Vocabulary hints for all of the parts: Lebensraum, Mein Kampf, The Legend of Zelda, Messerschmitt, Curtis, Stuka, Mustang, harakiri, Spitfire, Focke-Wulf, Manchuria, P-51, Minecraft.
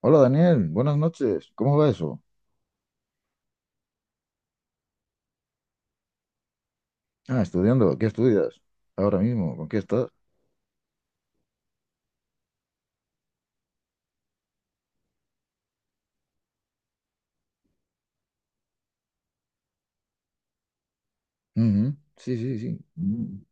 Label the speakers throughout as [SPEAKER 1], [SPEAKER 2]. [SPEAKER 1] Hola Daniel, buenas noches. ¿Cómo va eso? Ah, estudiando. ¿Qué estudias? Ahora mismo, ¿con qué estás? Ujú. Sí, sí, sí. Mm.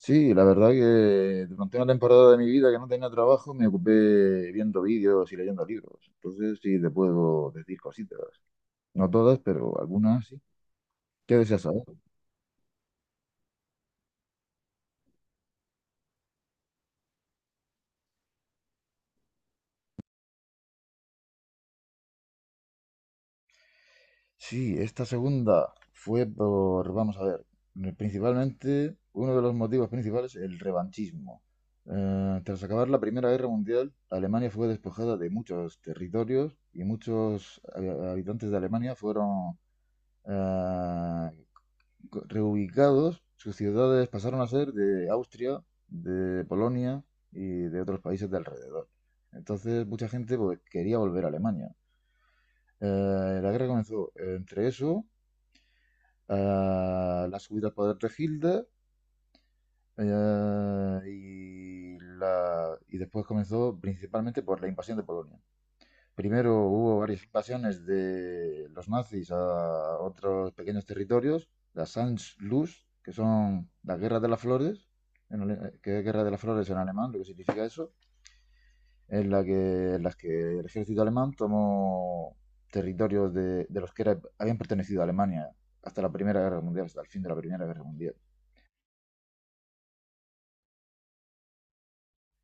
[SPEAKER 1] Sí, la verdad que durante una temporada de mi vida que no tenía trabajo me ocupé viendo vídeos y leyendo libros. Entonces sí te puedo decir cositas. No todas, pero algunas sí. ¿Qué deseas saber? Sí, esta segunda fue por, vamos a ver, principalmente, uno de los motivos principales, el revanchismo. Tras acabar la Primera Guerra Mundial, Alemania fue despojada de muchos territorios y muchos habitantes de Alemania fueron eh, reubicados. Sus ciudades pasaron a ser de Austria, de Polonia y de otros países de alrededor. Entonces, mucha gente pues, quería volver a Alemania. La guerra comenzó entre eso, la subida al poder de Hilde, y después comenzó principalmente por la invasión de Polonia. Primero hubo varias invasiones de los nazis a otros pequeños territorios, la Sanz-Luz, que son la Guerra de las Flores, que es Guerra de las Flores en alemán, lo que significa eso, en las que el ejército alemán tomó territorios de los habían pertenecido a Alemania hasta la Primera Guerra Mundial, hasta el fin de la Primera Guerra Mundial.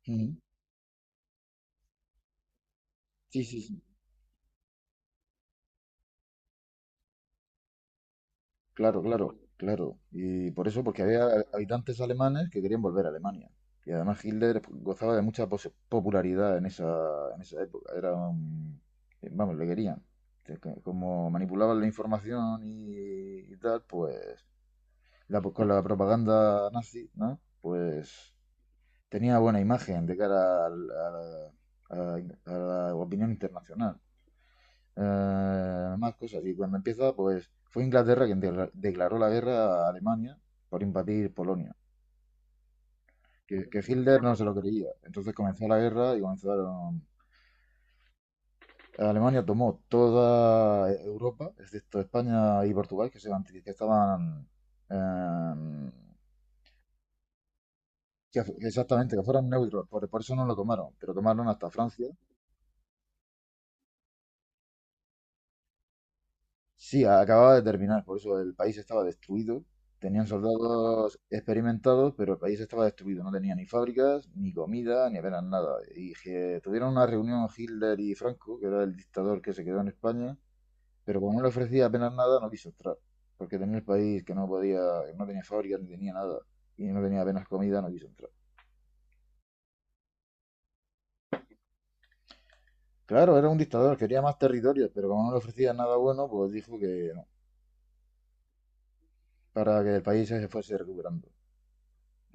[SPEAKER 1] Mm. Sí, sí, sí. Claro, claro, claro. Y por eso, porque había habitantes alemanes que querían volver a Alemania. Y además Hitler gozaba de mucha popularidad en esa época. Vamos, le querían. Como manipulaban la información y tal, pues la, con la propaganda nazi, ¿no? Pues tenía buena imagen a la a- a la opinión internacional. Más cosas. Y cuando empieza, pues fue Inglaterra quien declaró la guerra a Alemania por invadir Polonia, que Hitler no se lo creía. Entonces comenzó la guerra y comenzaron. Alemania tomó toda Europa, excepto España y Portugal, que estaban. eh, que- Exactamente, que fueran neutros, por eso no lo tomaron, pero tomaron hasta Francia. Sí, acababa de terminar, por eso el país estaba destruido. Tenían soldados experimentados, pero el país estaba destruido. No tenía ni fábricas, ni comida, ni apenas nada. Y que tuvieron una reunión Hitler y Franco, que era el dictador que se quedó en España, pero como no le ofrecía apenas nada, no quiso entrar. Porque tenía el país que no podía, que no tenía fábricas, ni tenía nada, y no tenía apenas comida, no quiso entrar. Claro, era un dictador, quería más territorios, pero como no le ofrecía nada bueno, pues dijo que no, para que el país se fuese recuperando.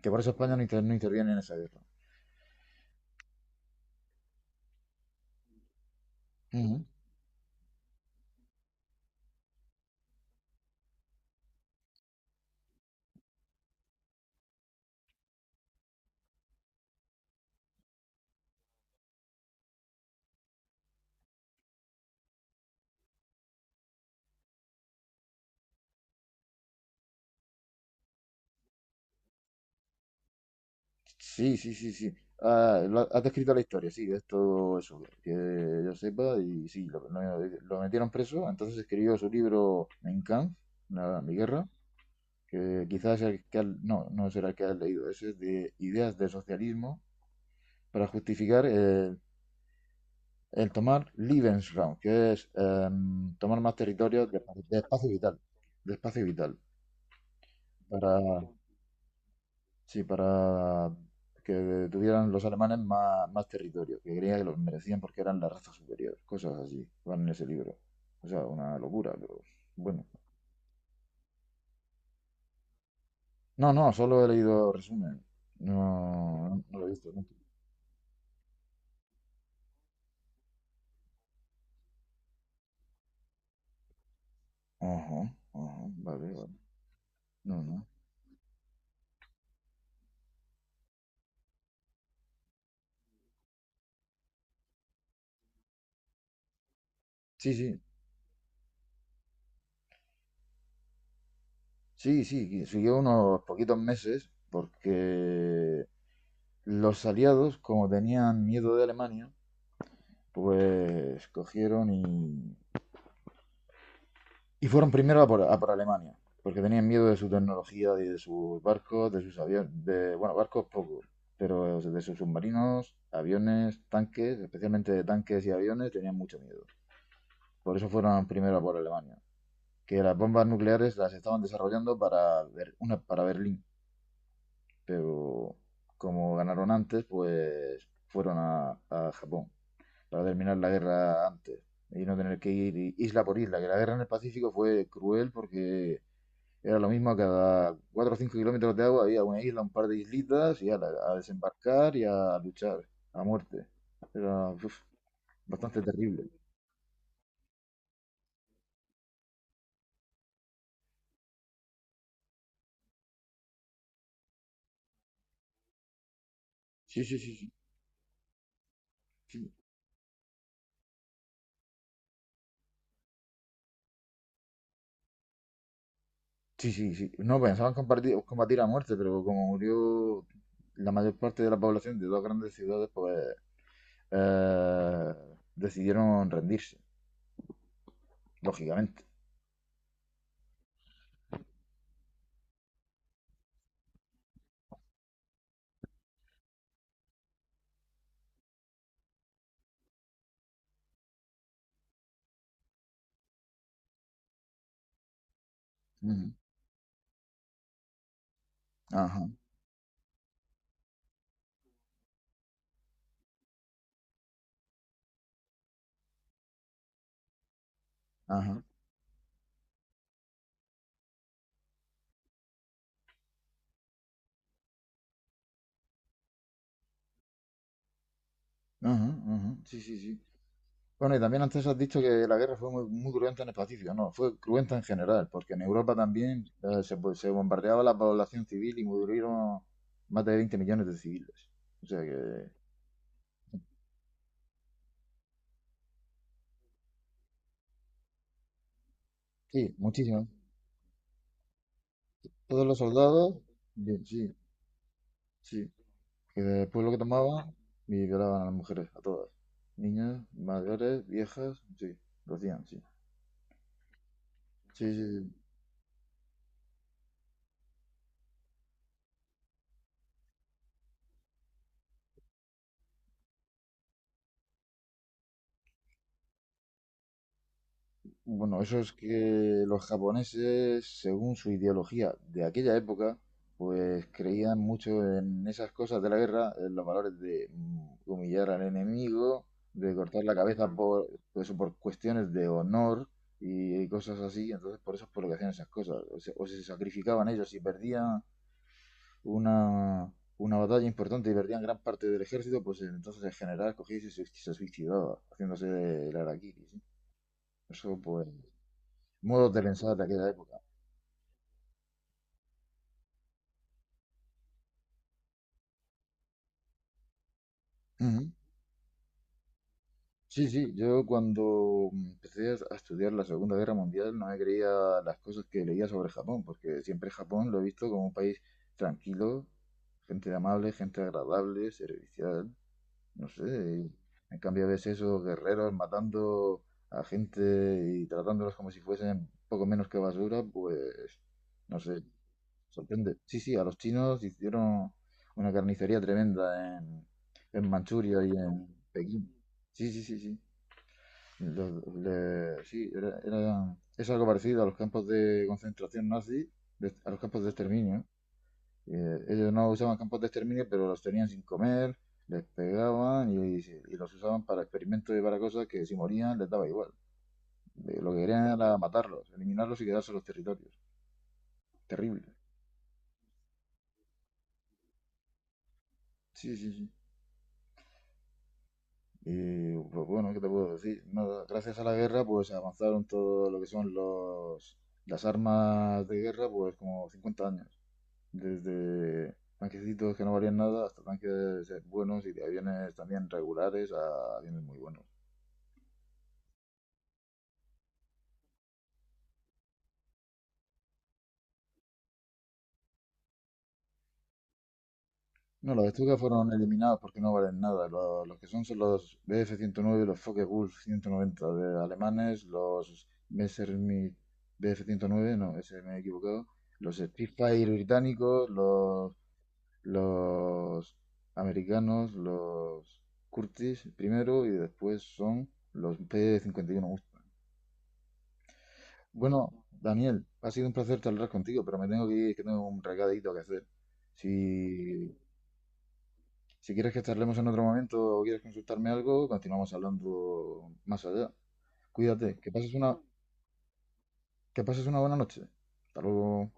[SPEAKER 1] Que por eso España no interviene en esa guerra. Ujú. Sí, sí, sí, sí. Ah, has descrito la historia, sí, es todo eso, que yo sepa, y sí, lo metieron preso, entonces escribió su libro Mein Kampf, la, mi guerra, que quizás es el no, no será el que has leído, ese es de ideas de socialismo para justificar el tomar Lebensraum, que es tomar más territorios de espacio vital, de espacio vital. Sí, para que tuvieran los alemanes más, más territorio, que creía que los merecían porque eran la raza superior, cosas así, van en ese libro. O sea, una locura, pero bueno. No, no, solo he leído resumen. No, no, no lo he visto nunca. Ajá, ajá, vale, vale. No, no. Sí, sí, sí, sí, que siguió unos poquitos meses porque los aliados, como tenían miedo de Alemania, pues cogieron y fueron primero a por Alemania, porque tenían miedo de su tecnología, de sus barcos, de sus aviones, de, bueno, barcos poco, pero de sus submarinos, aviones, tanques, especialmente de tanques y aviones, tenían mucho miedo. Por eso fueron primero a por Alemania, que las bombas nucleares las estaban desarrollando para, para Berlín, pero como ganaron antes, pues fueron a Japón para terminar la guerra antes y no tener que ir isla por isla, que la guerra en el Pacífico fue cruel porque era lo mismo, cada 4 o 5 kilómetros de agua había una isla, un par de islitas, a desembarcar y a luchar a muerte. Era uf, bastante terrible. Sí, sí, sí, sí. Sí, sí, sí, sí. No pensaban compartir, combatir a muerte, pero como murió la mayor parte de la población de dos grandes ciudades, pues eh, decidieron rendirse, lógicamente. Ujú. Ajá, ajá, ajá, ajá. Sí, sí, sí. Bueno, y también antes has dicho que la guerra fue muy, muy cruenta en el Pacífico. No, fue cruenta en general, porque en Europa también pues, se bombardeaba la población civil y murieron más de 20 millones de civiles. O sea que, sí, muchísimo. Todos los soldados, bien, sí, sí. Que después lo que tomaban y violaban a las mujeres, a todas. Niñas, mayores, viejas, sí, lo hacían, sí. Sí, sí, sí. Bueno, eso es que los japoneses, según su ideología de aquella época, pues creían mucho en esas cosas de la guerra, en los valores de humillar al enemigo, de cortar la cabeza. Mm. Por, pues eso por cuestiones de honor y cosas así. Entonces, por eso es por lo que hacían esas cosas. O se sacrificaban ellos y perdían una, una batalla importante y perdían gran parte del ejército, pues entonces el general cogía y se suicidaba, haciéndose el harakiri, ¿sí? Eso pues modos de pensar de aquella época. Ujú. Sí, sí, yo cuando empecé a estudiar la Segunda Guerra Mundial no me creía las cosas que leía sobre Japón, porque siempre Japón lo he visto como un país tranquilo, gente amable, gente agradable, servicial, no sé. Y en cambio ves esos guerreros matando a gente y tratándolos como si fuesen poco menos que basura, pues no sé. Sorprende. Sí, sí, a los chinos hicieron una carnicería tremenda en Manchuria y en Pekín. Sí, sí, sí, sí. Sí, es algo parecido a los campos de concentración nazi, a los campos de exterminio. Ellos no usaban campos de exterminio, pero los tenían sin comer, les pegaban y los usaban para experimentos y para cosas que si morían les daba igual. Lo que querían era matarlos, eliminarlos y quedarse los territorios. Terrible. Sí, sí, sí. Y pues bueno, ¿qué te puedo decir? Nada, gracias a la guerra, pues avanzaron todo lo que son los, las armas de guerra, pues como 50 años. Desde tanquecitos que no valían nada hasta tanques buenos y de aviones también regulares a aviones muy buenos. No, los Stuka fueron eliminados porque no valen nada. Lo- Los, que son son los bf 109, los Focke-Wulf 190 de alemanes, los Messerschmitt bf nueve no, ese me he equivocado, los Spitfire británicos, los americanos, los Curtis primero y después son los P-51 cincuenta y uno Mustang. Bueno, Daniel, ha sido un placer charlar contigo, pero me tengo que ir, que tengo un recadito que hacer. Si, si quieres que charlemos en otro momento o quieres consultarme algo, continuamos hablando más allá. Cuídate, que pases una buena noche. Hasta luego.